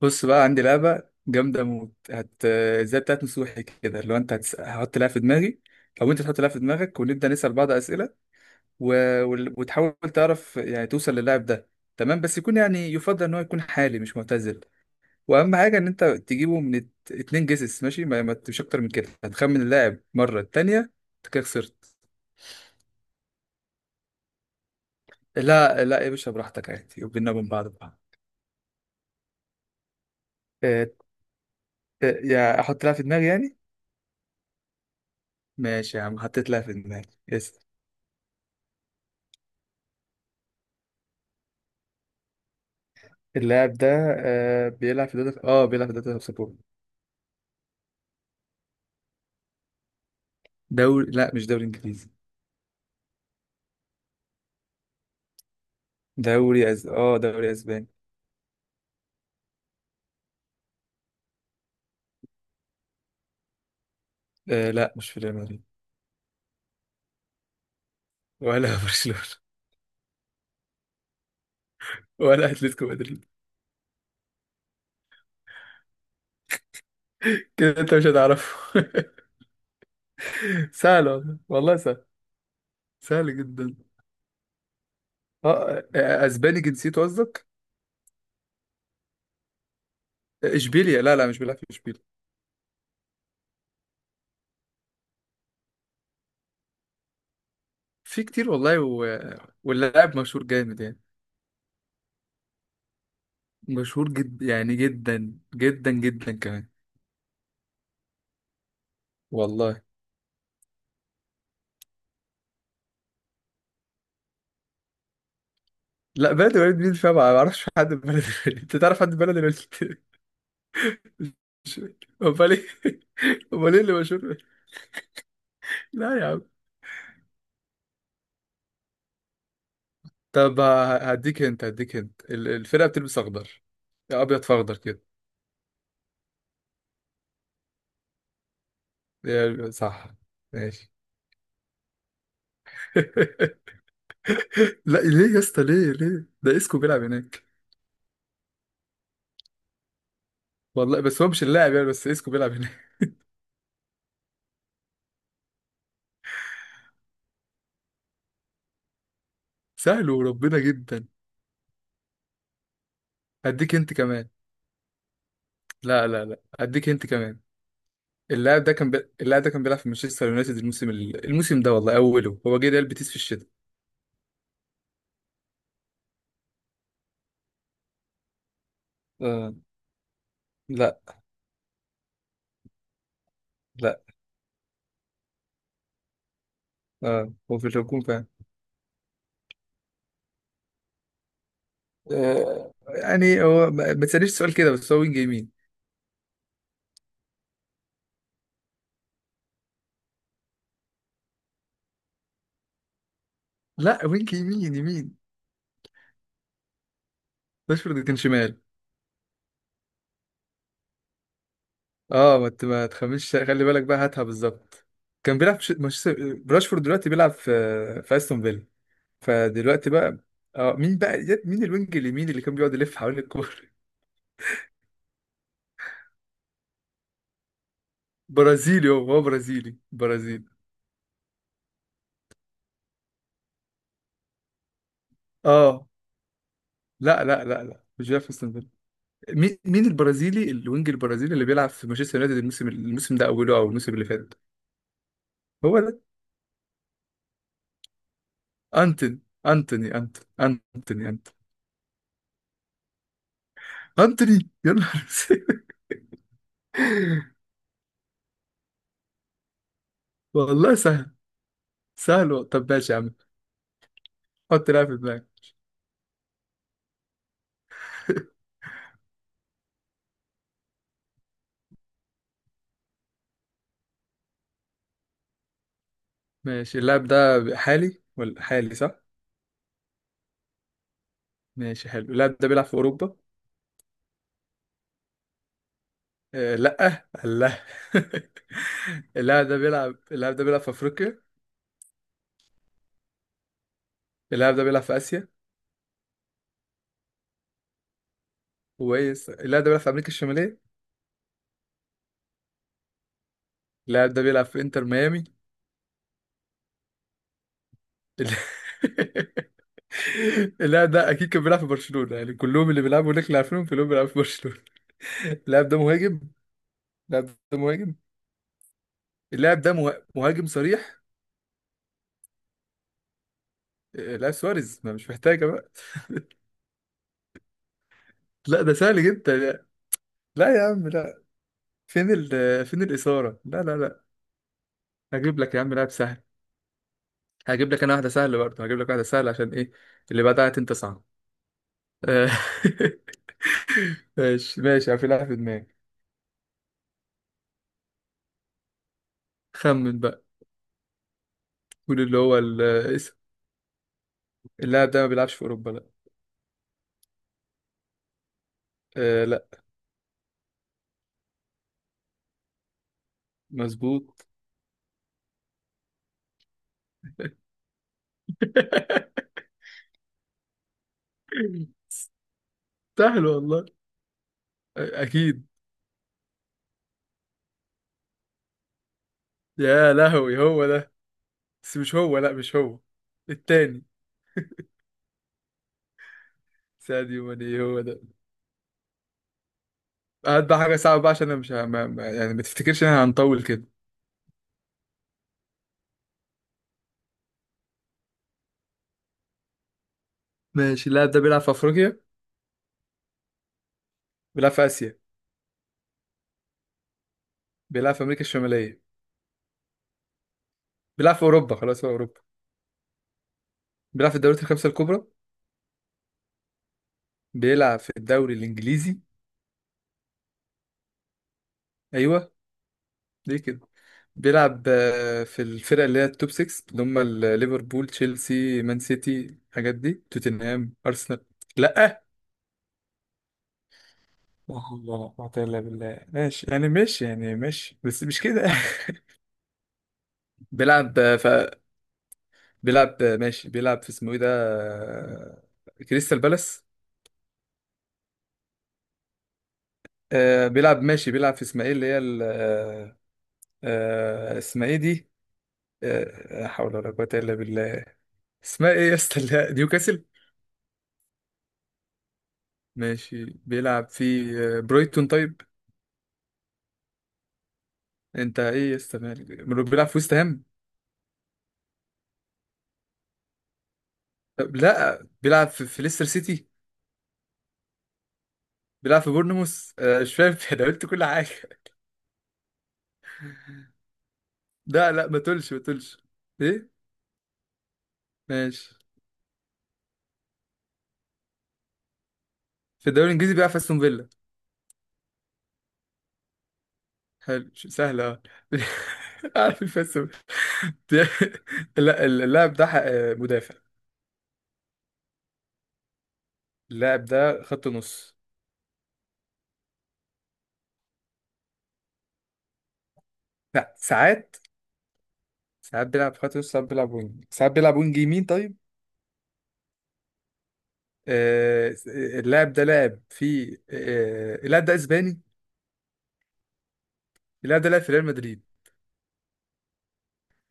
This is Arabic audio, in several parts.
بص بقى عندي لعبة جامدة موت هت زي بتاعت مسوحي كده. لو انت هحط لها في دماغي او انت تحط لها في دماغك ونبدأ نسأل بعض أسئلة و... وتحاول تعرف يعني توصل للاعب ده. تمام، بس يكون يعني يفضل ان هو يكون حالي مش معتزل. واهم حاجة ان انت تجيبه من اتنين جيسس ماشي، ما... ما مش اكتر من كده هتخمن اللاعب مرة التانية انت كده خسرت. لا لا يا باشا براحتك عادي، وبيننا وبين بعض بقى. اه... يا احط لها في دماغي يعني. ماشي يا عم، حطيت لها في دماغي، اسأل. اللاعب ده آه بيلعب في دوري، اه بيلعب في دوري سبورت. دوري، لا مش دوري انجليزي. دوري اه دوري اسباني. آه لا مش في ريال مدريد. ولا برشلونة. ولا اتلتيكو مدريد. كده انت مش هتعرفه. سهل والله، والله سهل. سهل جدا. اه آه، آه، اسباني جنسيته قصدك. آه، اشبيليا، لا لا مش بيلعب في اشبيليا. في كتير والله واللاعب مشهور جامد يعني. مشهور جد يعني جدا جدا جدا كمان. والله. لا بلد الوليد مين فيها؟ ما اعرفش حد من بلد الوليد، انت تعرف حد من بلد الوليد؟ امال ايه، امال ايه اللي مشهور؟ لا يا عم. طب هديك انت، هديك انت الفرقه بتلبس اخضر يا ابيض في اخضر كده. يا- صح. ماشي. لا ليه يا اسطى؟ ليه ليه؟ ده اسكو بيلعب هناك. والله بس هو مش اللاعب يعني، بس اسكو بيلعب هناك. سهل وربنا، جدا. هديك انت كمان. لا هديك انت كمان. اللاعب ده كان اللاعب ده كان بيلعب في مانشستر يونايتد الموسم الموسم ده، والله اوله هو جه ريال بيتيس في الشتاء. آه. لا. لا. آه هو في الهجوم فعلا. آه يعني هو ما تسألنيش سؤال كده، بس هو وينج يمين. لا وينج يمين يمين. راشفورد كان شمال. اه ما تخمنش، خلي بالك بقى هاتها بالظبط. كان بيلعب في مانشستر راشفورد دلوقتي بيلعب في في استون فيلا. فدلوقتي بقى اه مين بقى؟ مين الوينج اليمين اللي كان بيقعد يلف حوالين الكورة؟ برازيلي، هو برازيلي برازيلي. اه لا مش جيفرسون بيل. مين مين البرازيلي الوينج البرازيلي اللي بيلعب في مانشستر يونايتد الموسم ده اوله او الموسم اللي فات؟ هو ده. انتوني انتوني انتوني انتوني انتوني انتوني يا نهار أسود. والله سهل. سهل طب ماشي يا عم. حط لاعب في دماغك. ماشي. اللاعب ده حالي ولا حالي؟ صح. ماشي حلو. اللاعب ده بيلعب في اوروبا؟ آه لا. الله. اللاعب ده بيلعب، اللاعب ده بيلعب في افريقيا؟ اللاعب ده بيلعب في اسيا؟ كويس. اللاعب ده بيلعب في امريكا الشماليه؟ اللاعب ده بيلعب في انتر ميامي. ال- اللاعب ده اكيد كان بيلعب في برشلونة، يعني كلهم اللي بيلعبوا هناك اللي عارفينهم كلهم بيلعبوا في برشلونة. اللاعب ده مهاجم. اللاعب ده مهاجم. اللاعب ده مهاجم صريح. آه، لاعب سواريز، ما مش محتاجة بقى. لا ده سهل جدا. لا يا عم لا. فين ال، فين الإثارة؟ لا. هجيب لك يا عم لاعب سهل. هجيب لك انا واحدة سهلة برضه، هجيب لك واحدة سهلة عشان ايه؟ اللي بعدها انت صعب. آه، ماشي ماشي يعني. في لاعب في دماغي، خمن بقى. قول اللي هو الاسم. اللاعب ده ما بيلعبش في اوروبا، لا. آه لا. مظبوط. سهل والله. آه، اكيد. يا لهوي هو ده. بس مش هو، لا مش هو. التاني. ساديو ماني، هو ده. هات بقى حاجه صعبه بقى عشان انا مش يعني ما تفتكرش ان احنا هنطول كده. ماشي. اللاعب ده بيلعب في افريقيا؟ بيلعب في اسيا؟ بيلعب في امريكا الشماليه؟ بيلعب في اوروبا؟ خلاص هو اوروبا. بيلعب في الدوريات الخمسه الكبرى. بيلعب في الدوري الانجليزي. ايوه ليه كده؟ بيلعب آه، في الفرق اللي هي التوب 6 اللي هم ليفربول تشيلسي مان سيتي الحاجات دي توتنهام ارسنال. لا. لا حول ولا قوة إلا بالله. ماشي يعني، ماشي يعني، ماشي بس مش كده. بيلعب آه، ف بيلعب آه، ماشي بيلعب في اسمه ايه ده؟ آه، كريستال بالاس. آه، بيلعب ماشي بيلعب في اسمها ايه اللي هي آه، آه، اسمها ايه دي؟ آه، لا حول ولا قوة الا بالله. اسمها ايه يا اسطى اللي نيوكاسل؟ ماشي بيلعب في آه، برايتون طيب؟ انت ايه يا اسطى مالك؟ بيلعب في ويست هام؟ طب لا بيلعب في, في ليستر سيتي؟ بيلعب في بورنموث؟ آه، مش فاهم. انا قلت كل حاجه. لا لا ما تقولش. ايه. ماشي. في الدوري الانجليزي بيلعب في استون فيلا. حلو سهله اه. عارف في استون. لا اللاعب ده آه، مدافع. اللاعب ده خط نص. لا ساعات، ساعات بيلعب خط نص، ساعات بيلعب وينج، ساعات بيلعب وينج يمين طيب. آه، اللاعب ده لعب في آه، اللاعب ده اسباني. اللاعب ده لعب في ريال مدريد.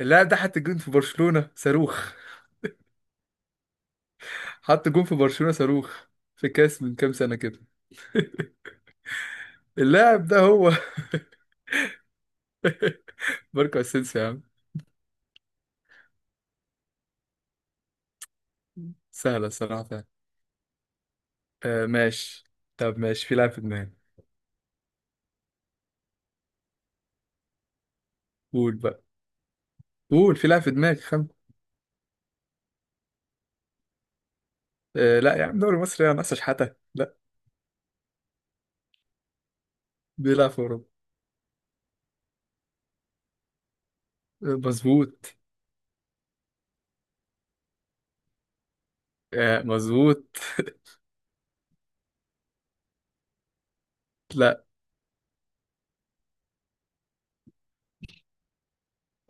اللاعب ده حط جون في برشلونة صاروخ. حط جون في برشلونة صاروخ في كاس من كام سنة كده. اللاعب ده هو. ماركو اسينسيو يا عم. سهلة الصراحة فعلا. آه ماشي. طب ماشي، في لاعب في دماغي، قول بقى. قول في لاعب في دماغك، خم. آه لا يا عم دوري مصر يا ناقصة شحاتة، لا. بيلعب في أوروبا. آه، مظبوط. آه مظبوط. لا.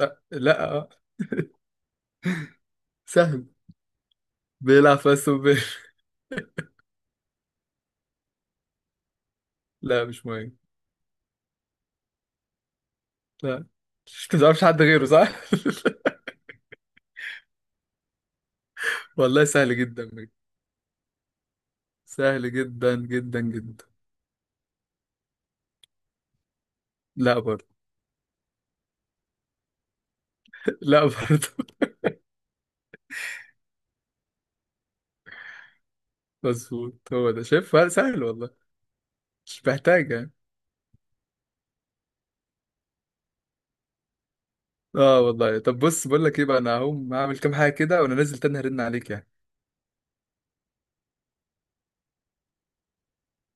لا, لا. آه. سهل. بيلعب في أستون فيلا. لا مش مهم. لا. انت ما تعرفش حد غيره صح؟ والله سهل جدا بجد. سهل جدا جدا جدا. لا برضه. لا برضه. مظبوط هو ده، شايف؟ لا، سهل والله. مش محتاج يعني. اه والله. طب بص بقول لك ايه بقى، انا هقوم هعمل كام حاجه كده وانا نازل تاني هرن عليك يعني.